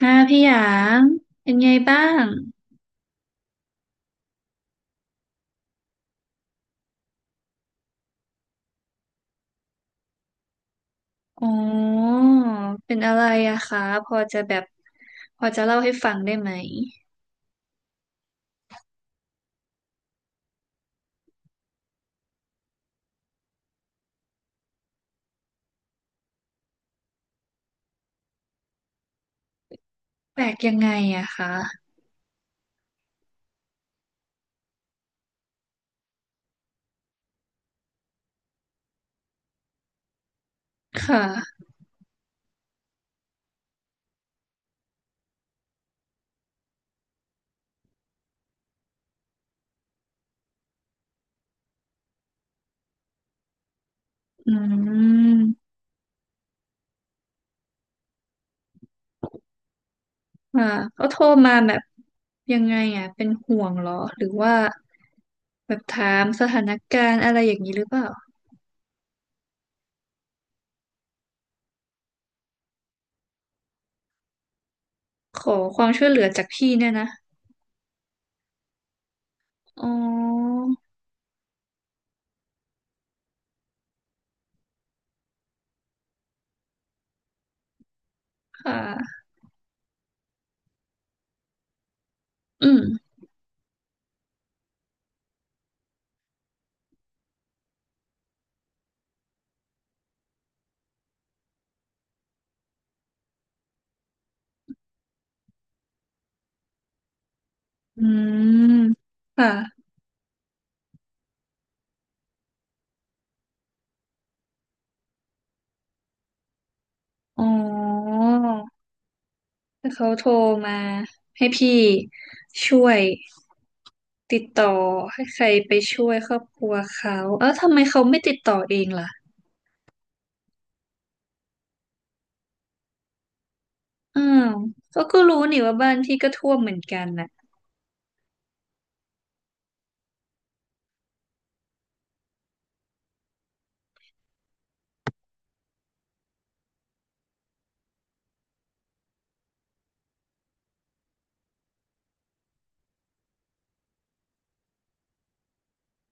ค่ะพี่หยางเป็นไงบ้างอ๋อเป็นอะไรอะคะพอจะแบบพอจะเล่าให้ฟังได้ไหมแปลกยังไงอะคะค่ะอืมค่ะเขาโทรมาแบบยังไงอะเป็นห่วงเหรอหรือว่าแบบถามสถานการณ์อะไรอย่างนี้หรือเปล่าขอความช่วยเหลือจากพี่เนี่ยนะอ๋อค่ะอืมอืมค่ะอ๋อ เขาโทรมาให้พี่ช่วยติดต่อให้ใครไปช่วยครอบครัวเขาเอ้าทำไมเขาไม่ติดต่อเองล่ะอ้าวเขาก็รู้นี่ว่าบ้านพี่ก็ท่วมเหมือนกันน่ะ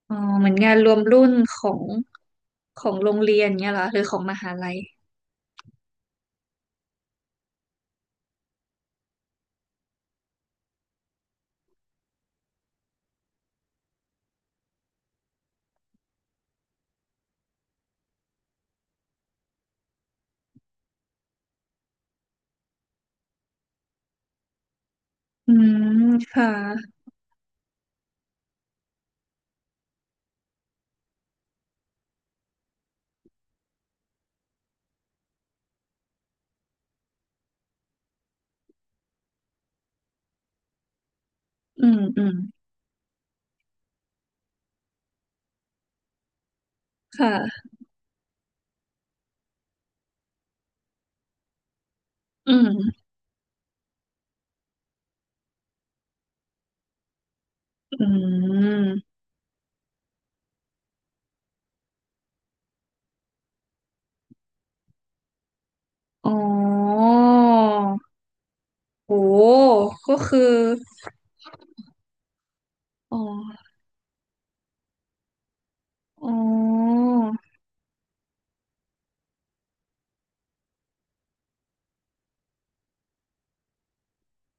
อ๋อเหมือนงานรวมรุ่นของของโรงเรียนเงี้ยเหรอหรือของมหาลัยอืมค่ะอืมอืมค่ะอืมอืมอ๋อโหก็คืออ๋ออ๋อ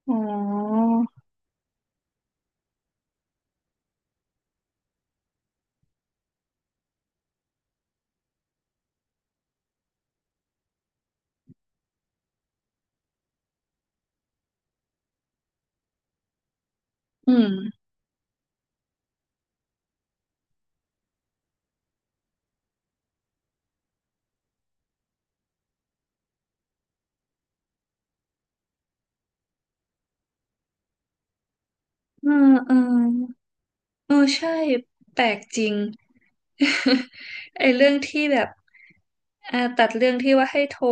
อ๋ออืมเออเออเออใช่ แปลกจริง ไอ้เรื่องที่แบบตัดเรื่องที่ว่าให้โทร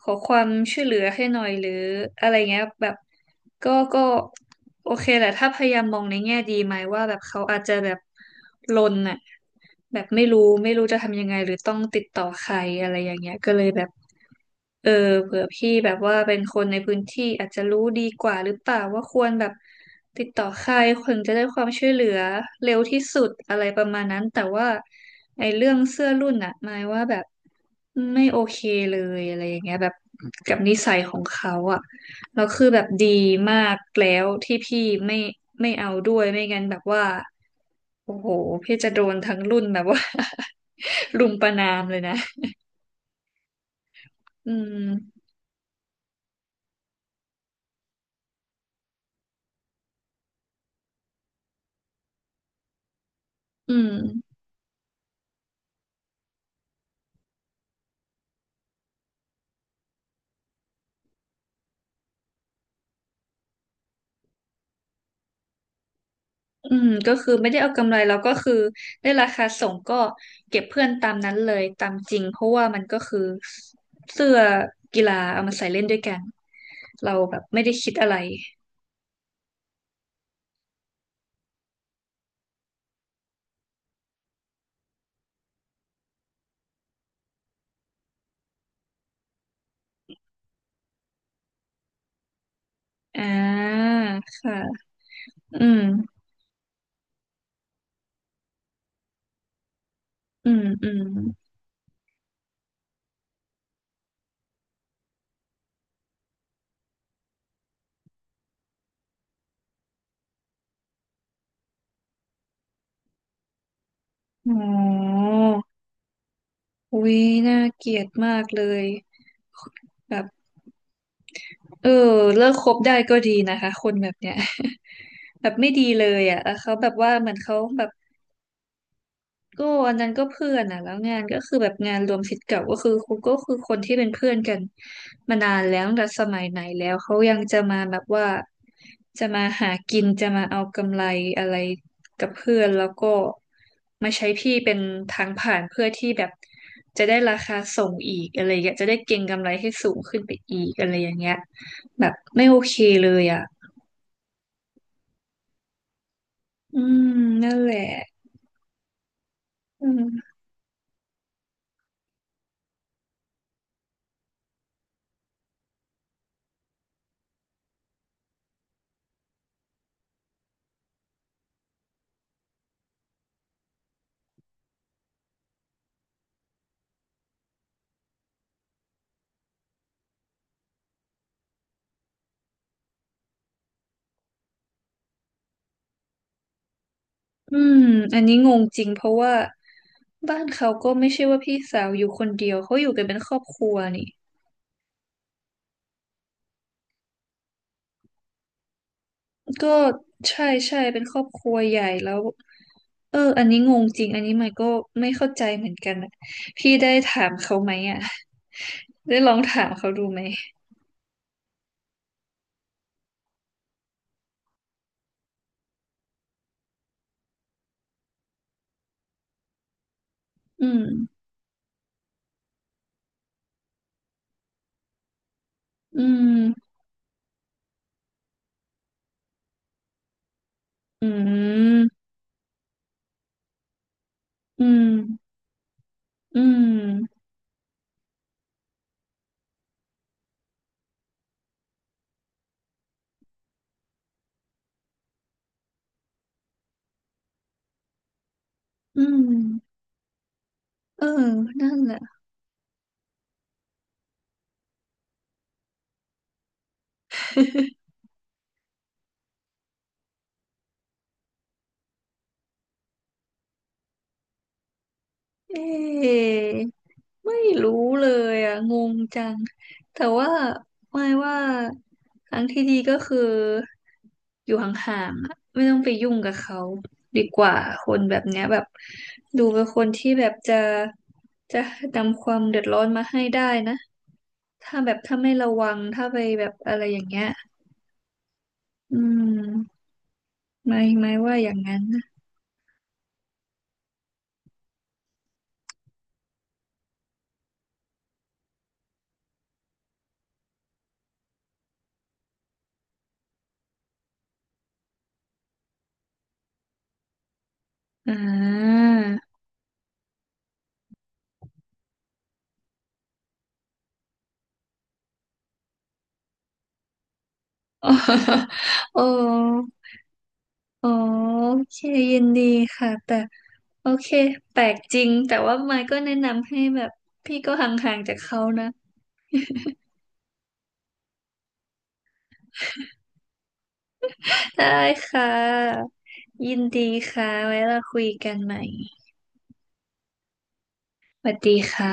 ขอความช่วยเหลือให้หน่อยหรืออะไรเงี้ยแบบก็โอเคแหละ ถ้าพยายามมองในแง่ดีไหมว่าแบบเขาอาจจะแบบลนอะแบบไม่รู้จะทำยังไงหรือต้องติดต่อใครอะไรอย่างเงี้ยก็เลยแบบ เออเผื่อพี่แบบว่าเป็นคนในพื้นที่อาจจะรู้ดีกว่าหรือเปล่าว่าควรแบบติดต่อใครถึงจะได้ความช่วยเหลือเร็วที่สุดอะไรประมาณนั้นแต่ว่าไอ้เรื่องเสื้อรุ่นอะหมายว่าแบบไม่โอเคเลยอะไรอย่างเงี้ยแบบกับนิสัยของเขาอะแล้วคือแบบดีมากแล้วที่พี่ไม่ไม่เอาด้วยไม่งั้นแบบว่าโอ้โหพี่จะโดนทั้งรุ่นแบบว่า รุมประณามเลยนะอืมอืม อืมก็คือไม่ได้เอากำไรเราก็คือได้ราคาส่งก็เก็บเพื่อนตามนั้นเลยตามจริงเพราะว่ามันก็คือเสื้อกีฬาเอามาใส่เล่นด้วยกันเราแบบไม่ได้คิดอะไรอ่าค่ะอืมอืมอืมอ๋ออุ๊ยน่าเกลียดมากเลยแบบเออเลิกคบได้ก็ดีนะคะคนแบบเนี้ย แบบไม่ดีเลยอ่ะแล้วเขาแบบว่าเหมือนเขาแบบ ก็อันนั้นก็เพื่อนอ่ะแล้วงานก็คือแบบงานรวมศิษย์เก่าก็คือครูก็คือคนที่เป็นเพื่อนกันมานานแล้วตั้งแต่สมัยไหนแล้วเขายังจะมาแบบว่าจะมาหากินจะมาเอากำไรอะไรกับเพื่อนแล้วก็มาใช้พี่เป็นทางผ่านเพื่อที่แบบจะได้ราคาส่งอีกอะไรอย่างเงี้ยจะได้เก็งกำไรให้สูงขึ้นไปอีกอะไรอย่างเงี้ยแบบไม่โอเคเลยอ่ะอืมนั่นแหละอืม อืมอันนี้งงจริงเพราะว่าบ้านเขาก็ไม่ใช่ว่าพี่สาวอยู่คนเดียวเขาอยู่กันเป็นครอบครัวนี่ก็ใช่ใช่เป็นครอบครัวใหญ่แล้วเอออันนี้งงจริงอันนี้มันก็ไม่เข้าใจเหมือนกันอะพี่ได้ถามเขาไหมอ่ะได้ลองถามเขาดูไหมอืมอืมอืมอืมอืมอืมเออนั่นแหละ เอะไม่รู้เลยอ่ะงงจังแต่ว่าไม่ว่าทางที่ดีก็คืออยู่ห่างๆอะไม่ต้องไปยุ่งกับเขาดีกว่าคนแบบเนี้ยแบบดูเป็นคนที่แบบจะนำความเดือดร้อนมาให้ได้นะถ้าแบบถ้าไม่ระวังถ้าไปแบบอะไรอย่างเงี้ยอืมไม่ว่าอย่างนั้นนะอ่า โอ้ อ๋อโอเคยินดีค่ะแต่โอเคแปลกจริงแต่ว่าไมค์ก็แนะนำให้แบบพี่ก็ห่างๆจากเขานะ ได้ค่ะยินดีค่ะไว้เราคุยกันใหม่สวัสดีค่ะ